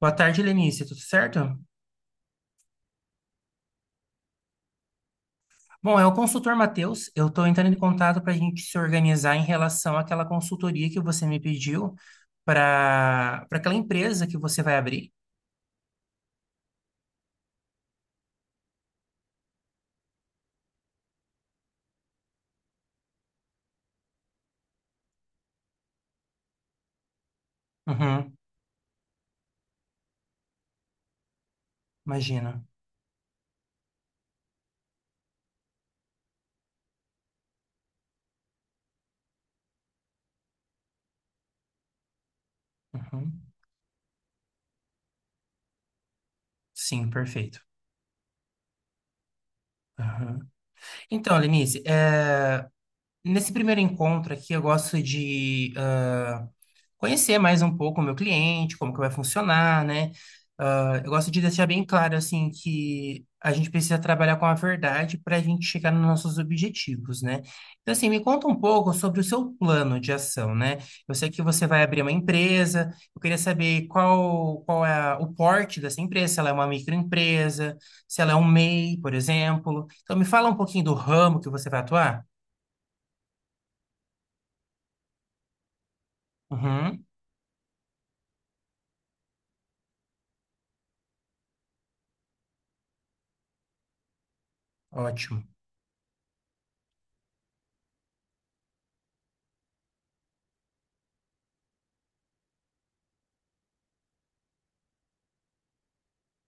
Boa tarde, Lenice. Tudo certo? Bom, é o consultor Matheus. Eu estou entrando em contato para a gente se organizar em relação àquela consultoria que você me pediu para aquela empresa que você vai abrir. Uhum, imagina. Uhum. Sim, perfeito. Uhum. Então, Lenice, nesse primeiro encontro aqui, eu gosto de conhecer mais um pouco o meu cliente, como que vai funcionar, né? Eu gosto de deixar bem claro, assim, que a gente precisa trabalhar com a verdade para a gente chegar nos nossos objetivos, né? Então, assim, me conta um pouco sobre o seu plano de ação, né? Eu sei que você vai abrir uma empresa, eu queria saber qual, o porte dessa empresa, se ela é uma microempresa, se ela é um MEI, por exemplo. Então, me fala um pouquinho do ramo que você vai atuar. Uhum. Ótimo,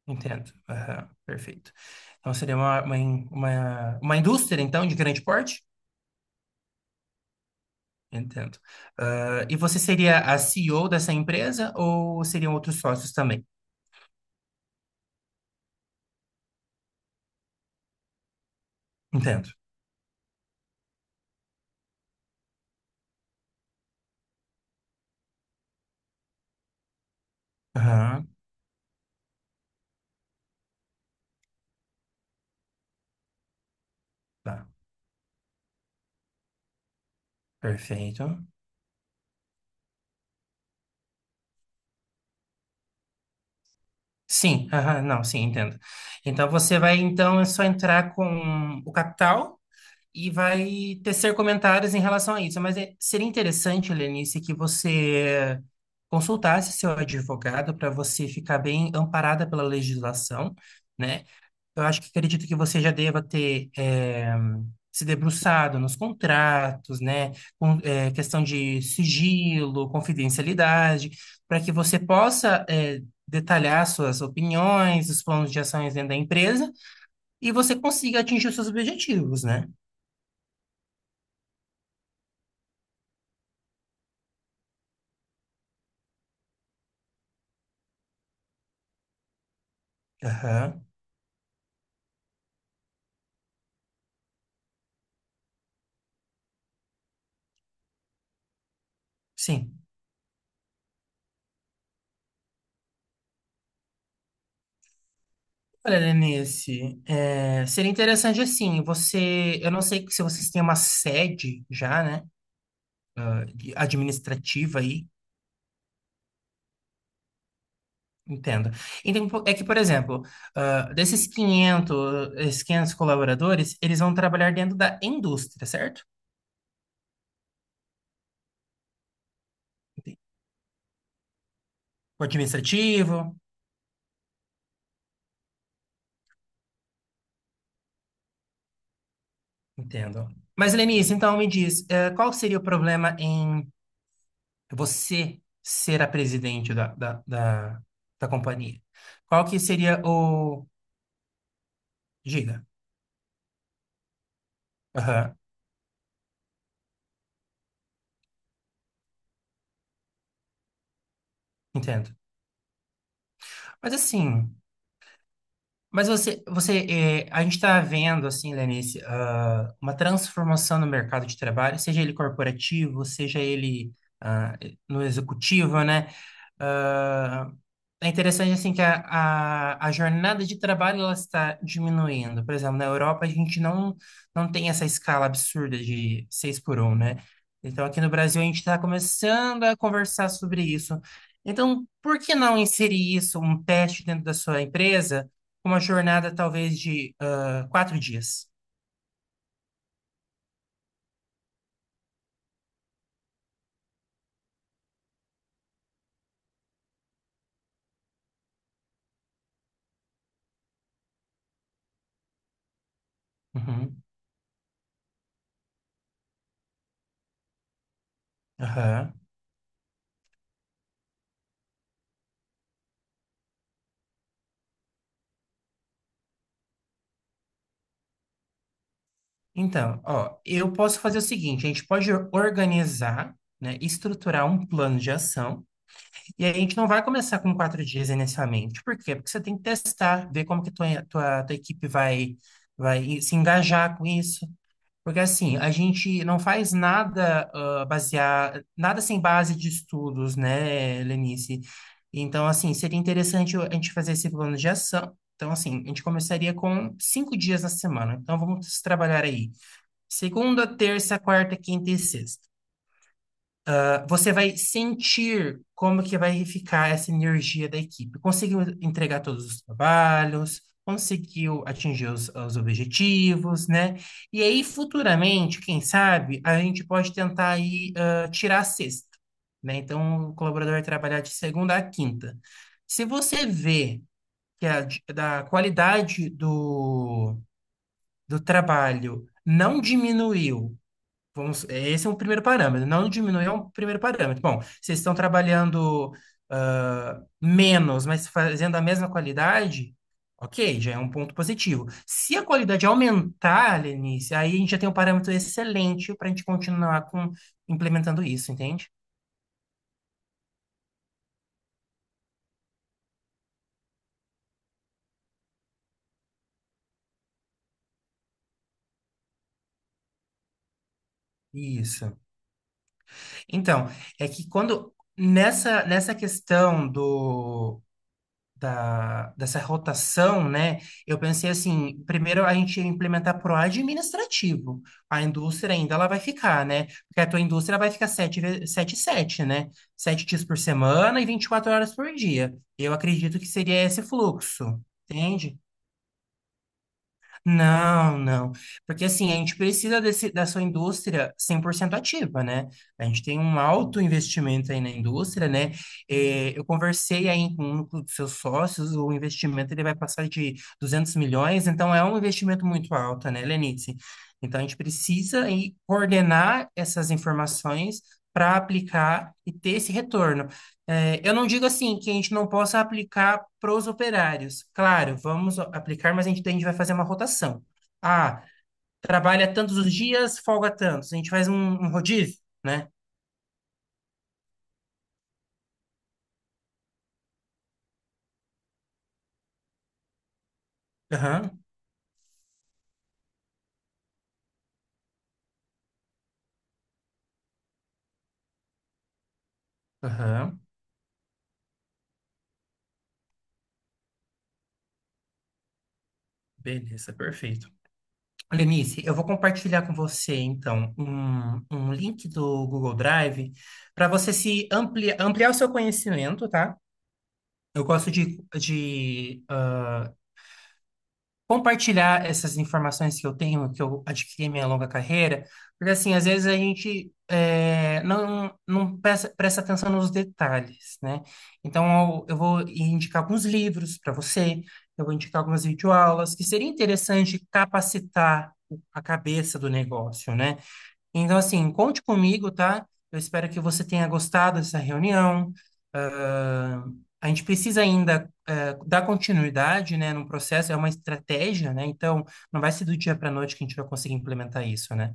entendo. Aham, perfeito. Então seria uma, uma indústria, então, de grande porte? Entendo. Ah, e você seria a CEO dessa empresa ou seriam outros sócios também? Entendo. Aham, tá, perfeito. Sim, aham, não, sim, entendo. Então você vai, então, é só entrar com o capital e vai tecer comentários em relação a isso. Seria interessante, Lenice, que você consultasse seu advogado para você ficar bem amparada pela legislação, né? Eu acho que acredito que você já deva ter se debruçado nos contratos, né? Com, questão de sigilo, confidencialidade, para que você possa detalhar suas opiniões, os planos de ações dentro da empresa e você consiga atingir os seus objetivos, né? Aham. Sim. Olha, Lenice, é, seria interessante assim, você, eu não sei se vocês têm uma sede já, né, administrativa aí, entendo. Então, é que, por exemplo, desses 500 esses 500 colaboradores, eles vão trabalhar dentro da indústria, certo? Entendi. O administrativo, entendo. Mas, Lenice, então me diz, qual seria o problema em você ser a presidente da da companhia? Qual que seria o... Diga. Aham, entendo. Mas assim, mas você, a gente está vendo, assim, Lenice, uma transformação no mercado de trabalho, seja ele corporativo, seja ele ah, no executivo, né? Ah, É interessante, assim, que a jornada de trabalho ela está diminuindo. Por exemplo, na Europa a gente não, não tem essa escala absurda de seis por um, né? Então, aqui no Brasil a gente está começando a conversar sobre isso. Então, por que não inserir isso, um teste dentro da sua empresa? Uma jornada talvez de 4 dias. Uhum. Aham. Então, ó, eu posso fazer o seguinte: a gente pode organizar, né, estruturar um plano de ação, e aí a gente não vai começar com 4 dias inicialmente. Por quê? Porque você tem que testar, ver como que tua equipe vai, vai se engajar com isso. Porque assim, a gente não faz nada nada sem base de estudos, né, Lenice? Então, assim, seria interessante a gente fazer esse plano de ação. Então, assim, a gente começaria com 5 dias na semana. Então, vamos trabalhar aí. Segunda, terça, quarta, quinta e sexta. Você vai sentir como que vai ficar essa energia da equipe. Conseguiu entregar todos os trabalhos, conseguiu atingir os objetivos, né? E aí, futuramente, quem sabe, a gente pode tentar aí, tirar a sexta, né? Então, o colaborador vai trabalhar de segunda a quinta. Se você vê que da qualidade do trabalho não diminuiu, vamos, é, esse é um primeiro parâmetro. Não diminuir é um primeiro parâmetro. Bom, vocês estão trabalhando menos, mas fazendo a mesma qualidade, ok, já é um ponto positivo. Se a qualidade aumentar, Lenice, aí a gente já tem um parâmetro excelente para a gente continuar com, implementando isso, entende? Isso. Então, é que quando nessa questão do da, dessa rotação, né? Eu pensei assim, primeiro a gente ia implementar pro administrativo. A indústria ainda ela vai ficar, né? Porque a tua indústria vai ficar 7, né? 7 dias por semana e 24 horas por dia. Eu acredito que seria esse fluxo, entende? Não, não. Porque assim, a gente precisa desse, dessa indústria 100% ativa, né? A gente tem um alto investimento aí na indústria, né? Eu conversei aí com um dos seus sócios, o investimento ele vai passar de 200 milhões, então é um investimento muito alto, né, Lenice? Então a gente precisa aí coordenar essas informações para aplicar e ter esse retorno. É, eu não digo assim que a gente não possa aplicar pros operários. Claro, vamos aplicar, mas a gente vai fazer uma rotação. Ah, Trabalha tantos os dias, folga tantos. A gente faz um rodízio, né? Aham, aham. Beleza, perfeito. Lenice, eu vou compartilhar com você, então, um link do Google Drive para você se amplia, ampliar o seu conhecimento, tá? Eu gosto de compartilhar essas informações que eu tenho, que eu adquiri em minha longa carreira, porque assim, às vezes não presta atenção nos detalhes, né? Então, eu vou indicar alguns livros para você, eu vou indicar algumas videoaulas, que seria interessante capacitar a cabeça do negócio, né? Então, assim, conte comigo, tá? Eu espero que você tenha gostado dessa reunião. Ah, a gente precisa ainda, dar continuidade, né, no processo, é uma estratégia, né? Então, não vai ser do dia para noite que a gente vai conseguir implementar isso, né?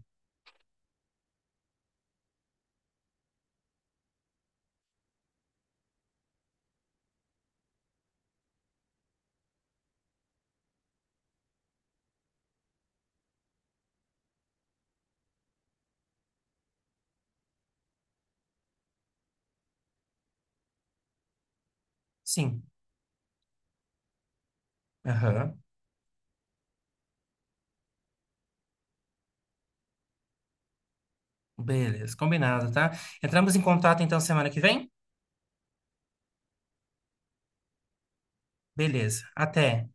Sim. Aham. Beleza, combinado, tá? Entramos em contato então semana que vem? Beleza. Até.